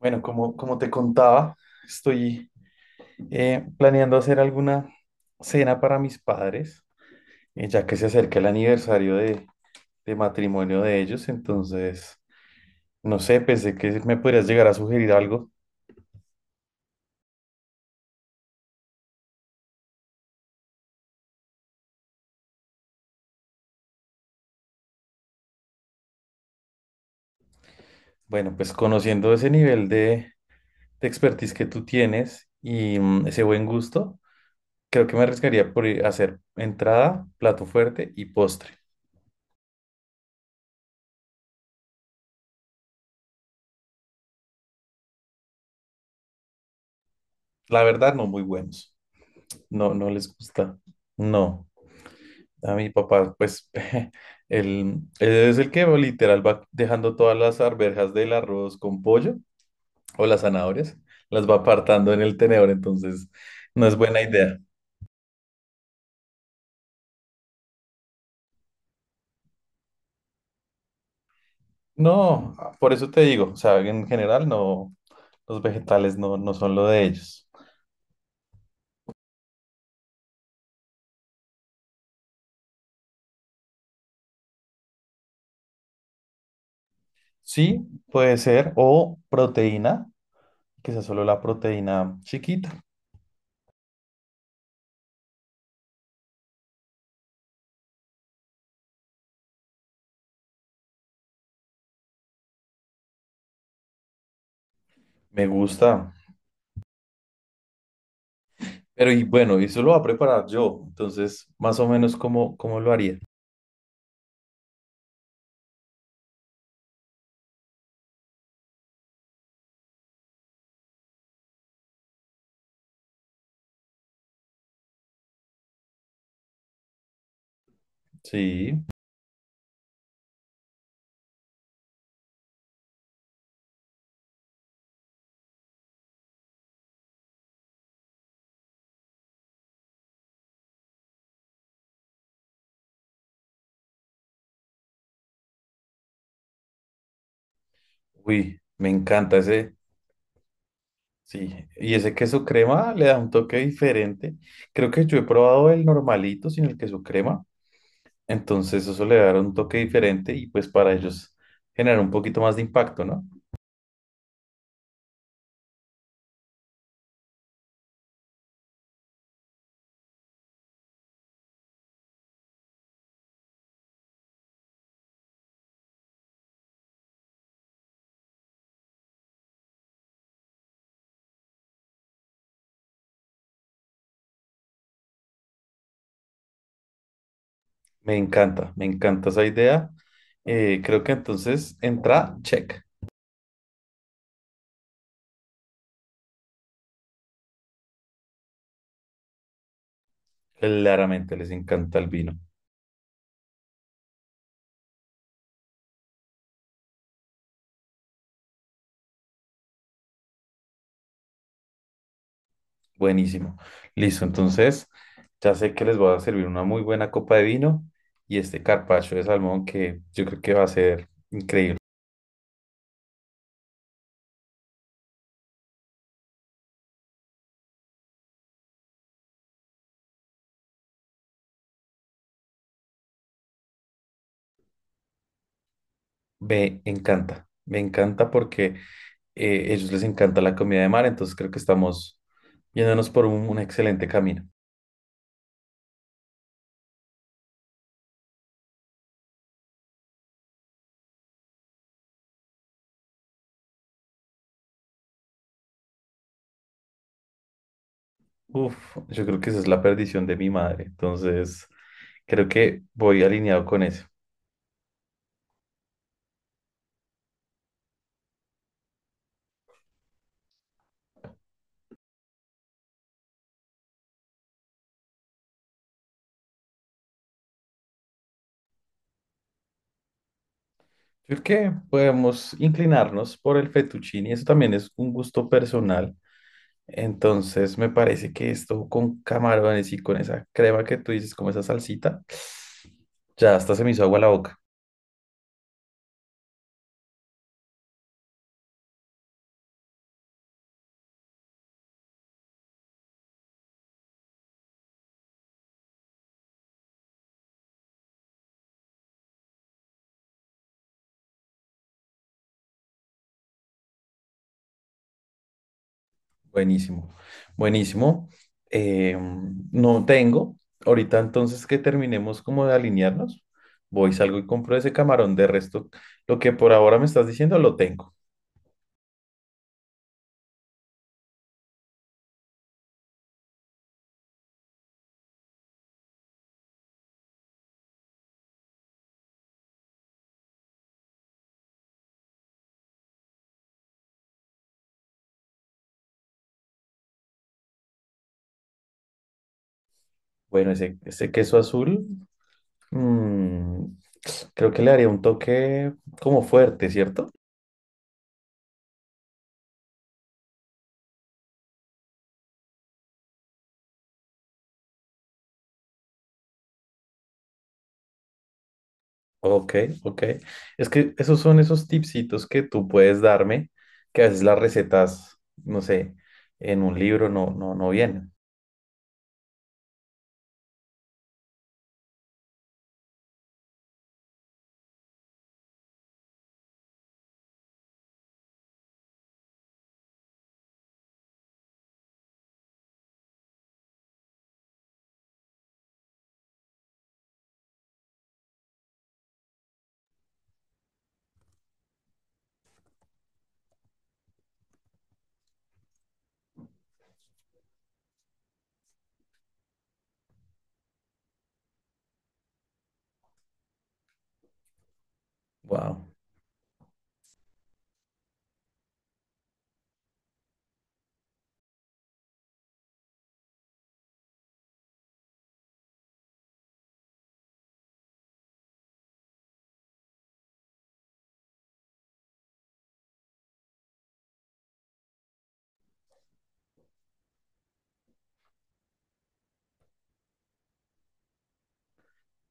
Bueno, como te contaba, estoy planeando hacer alguna cena para mis padres, ya que se acerca el aniversario de matrimonio de ellos. Entonces, no sé, pensé que me podrías llegar a sugerir algo. Bueno, pues conociendo ese nivel de expertise que tú tienes y ese buen gusto, creo que me arriesgaría por ir a hacer entrada, plato fuerte y postre. La verdad, no muy buenos. No, no les gusta. No. A mi papá, pues, él es el que literal va dejando todas las arvejas del arroz con pollo o las zanahorias, las va apartando en el tenedor, entonces no es buena idea. No, por eso te digo, o sea, en general no, los vegetales no son lo de ellos. Sí, puede ser, o proteína, que sea solo la proteína chiquita. Me gusta. Pero y bueno, eso lo va a preparar yo, entonces más o menos como cómo lo haría. Sí. Uy, me encanta ese, sí. Y ese queso crema le da un toque diferente. Creo que yo he probado el normalito sin el queso crema. Entonces eso le da un toque diferente y pues para ellos generar un poquito más de impacto, ¿no? Me encanta esa idea. Creo que entonces entra, check. Claramente les encanta el vino. Buenísimo. Listo, entonces ya sé que les voy a servir una muy buena copa de vino y este carpaccio de salmón que yo creo que va a ser increíble. Me encanta porque ellos les encanta la comida de mar, entonces creo que estamos yéndonos por un excelente camino. Uf, yo creo que esa es la perdición de mi madre, entonces creo que voy alineado con eso. Creo que podemos inclinarnos por el fettuccine, eso también es un gusto personal, entonces me parece que esto con camarones y con esa crema que tú dices, como esa salsita, ya hasta se me hizo agua la boca. Buenísimo, buenísimo. Eh, no tengo. Ahorita entonces que terminemos como de alinearnos, voy, salgo y compro ese camarón. De resto, lo que por ahora me estás diciendo lo tengo. Bueno, ese queso azul, mm, creo que le haría un toque como fuerte, ¿cierto? Ok, ok. Es que esos son esos tipsitos que tú puedes darme, que a veces las recetas, no sé, en un libro no vienen. Wow,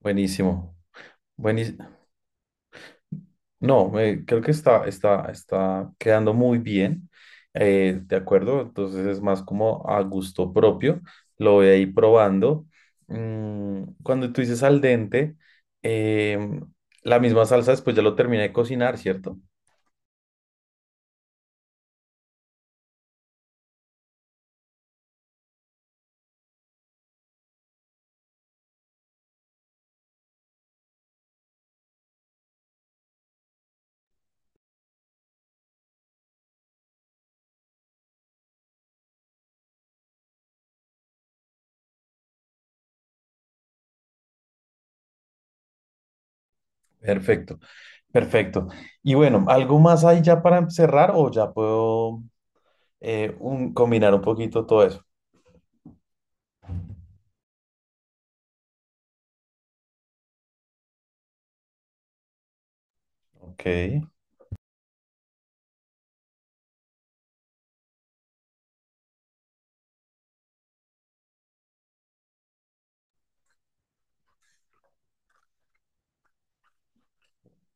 buenísimo. Buenísimo. No, creo que está quedando muy bien, de acuerdo, entonces es más como a gusto propio, lo voy a ir probando. Mm, cuando tú dices al dente, em, la misma salsa después ya lo terminé de cocinar, ¿cierto? Perfecto, perfecto. Y bueno, ¿algo más ahí ya para cerrar o ya puedo combinar un poquito todo eso? Ok,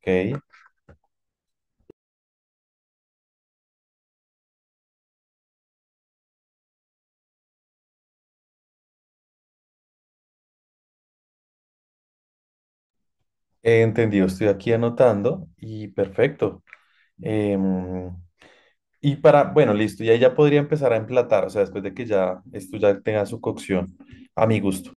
ok, entendido, estoy aquí anotando y perfecto. Em, Y para, bueno, listo, y ahí ya podría empezar a emplatar, o sea, después de que ya esto ya tenga su cocción, a mi gusto.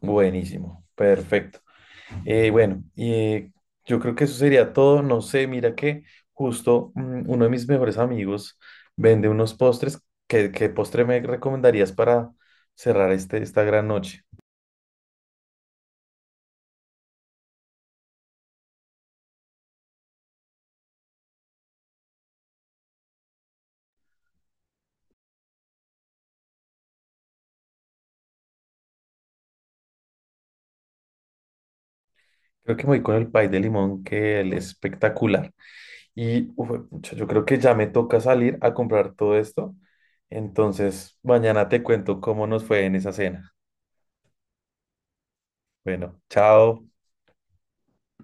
Buenísimo, perfecto. Bueno, y yo creo que eso sería todo. No sé, mira que justo uno de mis mejores amigos vende unos postres. ¿Qué postre me recomendarías para cerrar este, esta gran noche? Creo que me voy con el pay de limón, que es espectacular. Y, uf, pucha, yo creo que ya me toca salir a comprar todo esto. Entonces, mañana te cuento cómo nos fue en esa cena. Bueno, chao.